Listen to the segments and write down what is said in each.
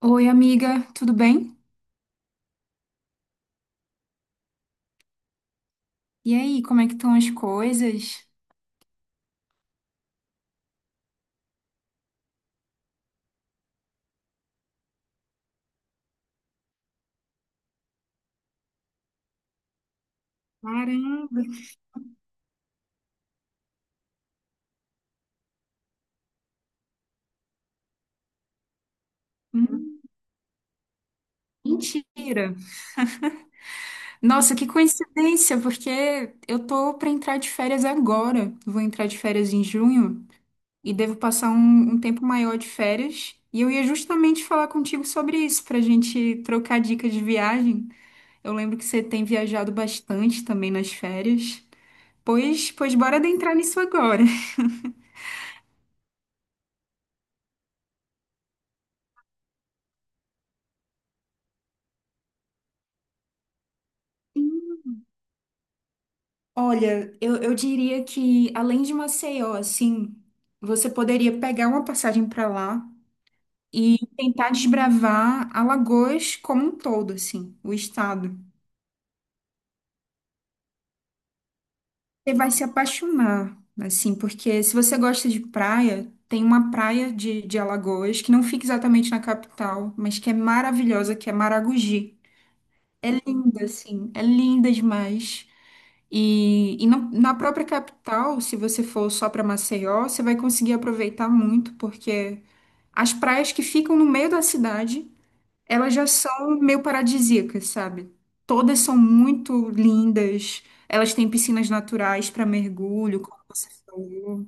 Oi, amiga, tudo bem? E aí, como é que estão as coisas? Caramba. Hum. Mentira! Nossa, que coincidência, porque eu tô pra entrar de férias agora. Vou entrar de férias em junho e devo passar um tempo maior de férias. E eu ia justamente falar contigo sobre isso, pra gente trocar dicas de viagem. Eu lembro que você tem viajado bastante também nas férias. Pois bora adentrar nisso agora. Olha, eu diria que além de Maceió, assim, você poderia pegar uma passagem para lá e tentar desbravar Alagoas como um todo, assim, o estado. Você vai se apaixonar, assim, porque se você gosta de praia, tem uma praia de Alagoas que não fica exatamente na capital, mas que é maravilhosa, que é Maragogi. É linda, assim, é linda demais. Na própria capital, se você for só para Maceió, você vai conseguir aproveitar muito, porque as praias que ficam no meio da cidade, elas já são meio paradisíacas, sabe? Todas são muito lindas, elas têm piscinas naturais para mergulho, como você falou.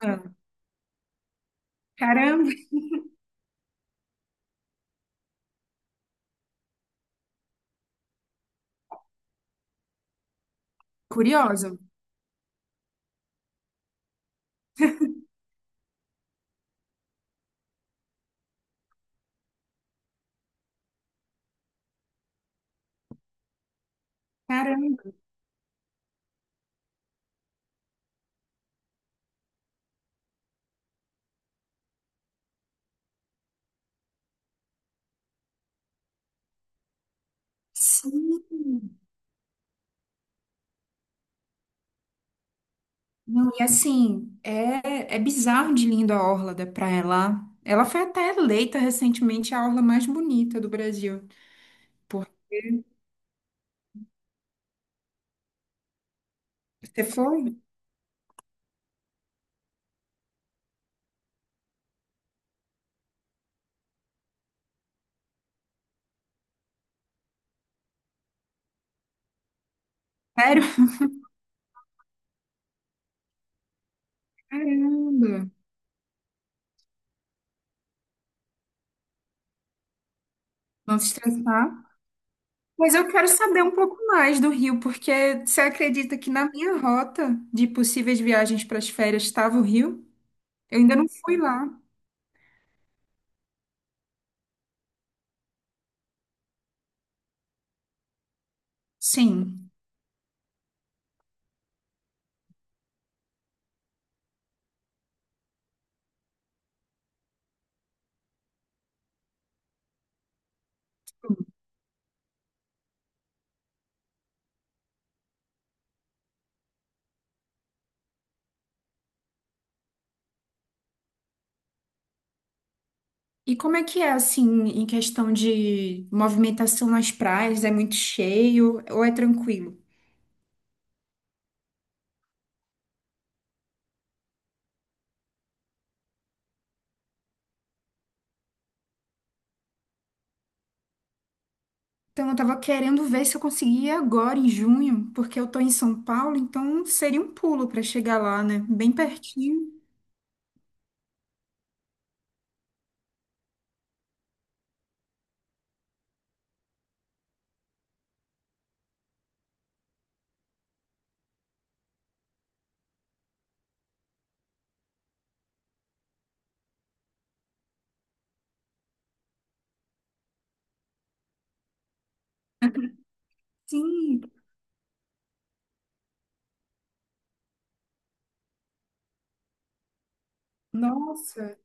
Ah. Caramba. Curiosa. Caramba. Sim. Não, e assim, é bizarro de linda a orla da praia lá. Ela foi até eleita recentemente a orla mais bonita do Brasil. Por... Você foi? Sério? Caramba! Vamos estressar. Mas eu quero saber um pouco mais do Rio, porque você acredita que na minha rota de possíveis viagens para as férias estava o Rio? Eu ainda não fui lá. Sim. E como é que é, assim, em questão de movimentação nas praias? É muito cheio ou é tranquilo? Então, eu tava querendo ver se eu conseguia agora em junho, porque eu tô em São Paulo, então seria um pulo para chegar lá, né? Bem pertinho. Sim. Nossa,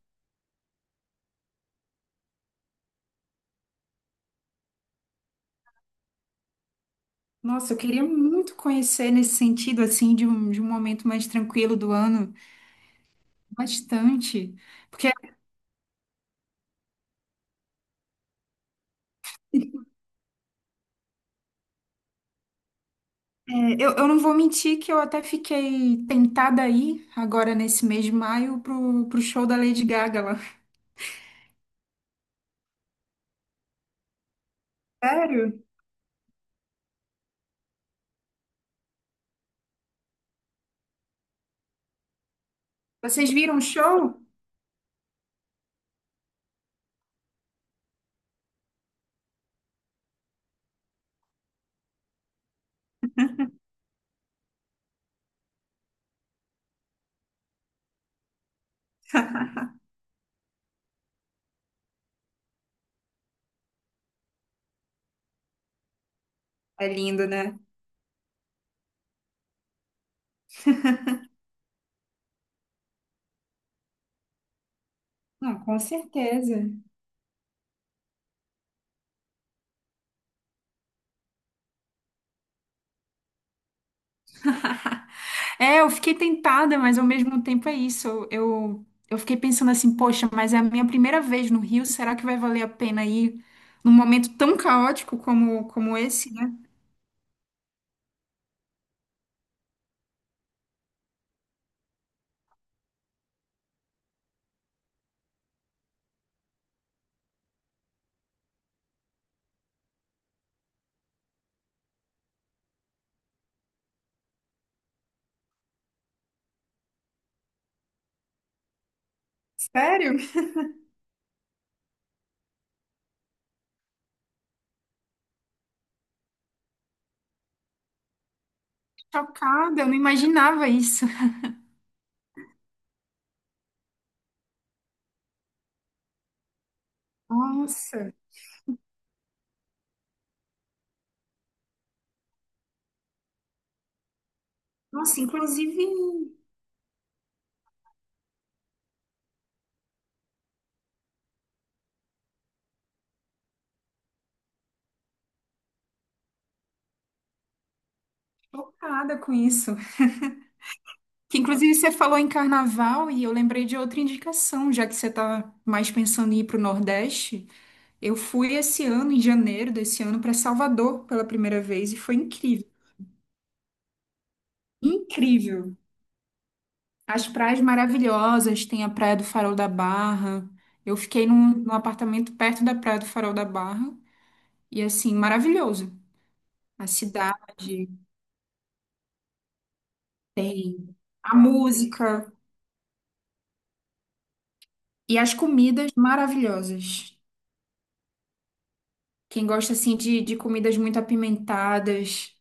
nossa, eu queria muito conhecer nesse sentido, assim, de um momento mais tranquilo do ano, bastante. Porque é, eu não vou mentir que eu até fiquei tentada aí, agora nesse mês de maio, pro show da Lady Gaga lá. Sério? Vocês viram o show? É lindo, né? Não, com certeza. É, eu fiquei tentada, mas ao mesmo tempo é isso. Eu fiquei pensando assim, poxa, mas é a minha primeira vez no Rio, será que vai valer a pena ir num momento tão caótico como, como esse, né? Sério? Chocada, eu não imaginava isso. Nossa. Nossa, inclusive, chocada com isso. Que inclusive você falou em carnaval e eu lembrei de outra indicação, já que você tá mais pensando em ir para o Nordeste. Eu fui esse ano, em janeiro desse ano, para Salvador pela primeira vez e foi incrível. Incrível. As praias maravilhosas, tem a Praia do Farol da Barra. Eu fiquei num apartamento perto da Praia do Farol da Barra e assim, maravilhoso. A cidade tem a música e as comidas maravilhosas. Quem gosta assim de comidas muito apimentadas,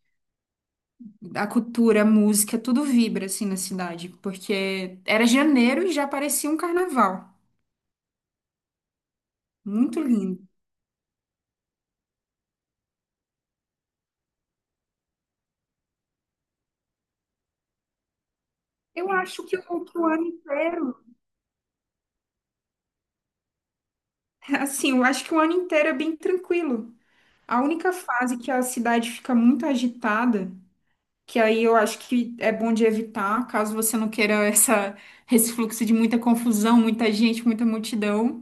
a cultura, a música, tudo vibra assim na cidade, porque era janeiro e já parecia um carnaval. Muito lindo. Eu acho que o ano inteiro assim, eu acho que o ano inteiro é bem tranquilo. A única fase que a cidade fica muito agitada, que aí eu acho que é bom de evitar, caso você não queira essa, esse fluxo de muita confusão, muita gente, muita multidão,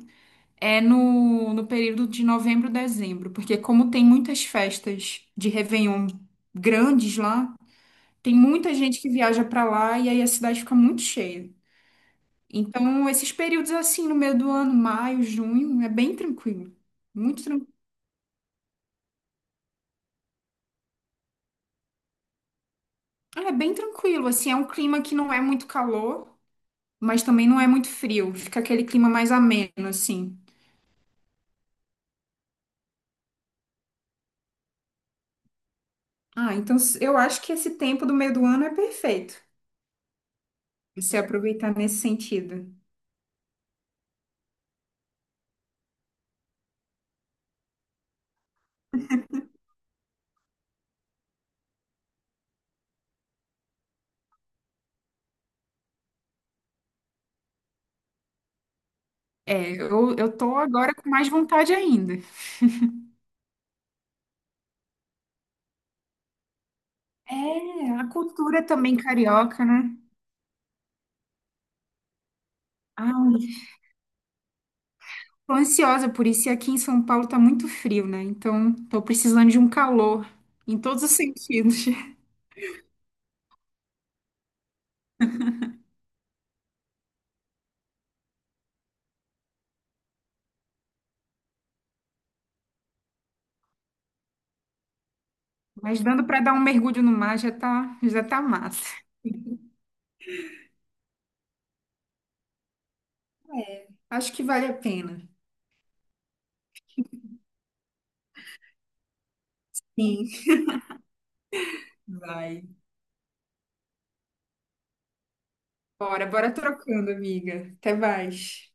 é no período de novembro, dezembro, porque como tem muitas festas de Réveillon grandes lá, tem muita gente que viaja para lá e aí a cidade fica muito cheia. Então, esses períodos assim, no meio do ano, maio, junho, é bem tranquilo. Muito tranquilo. É bem tranquilo, assim, é um clima que não é muito calor, mas também não é muito frio. Fica aquele clima mais ameno, assim. Ah, então eu acho que esse tempo do meio do ano é perfeito, você aproveitar nesse sentido. É, eu tô agora com mais vontade ainda. É, a cultura também carioca, né? Ai, tô ansiosa por isso, e aqui em São Paulo tá muito frio, né? Então, tô precisando de um calor em todos os sentidos. Mas dando pra dar um mergulho no mar já tá massa. É, acho que vale a pena. Sim, vai. Bora, bora trocando, amiga. Até mais.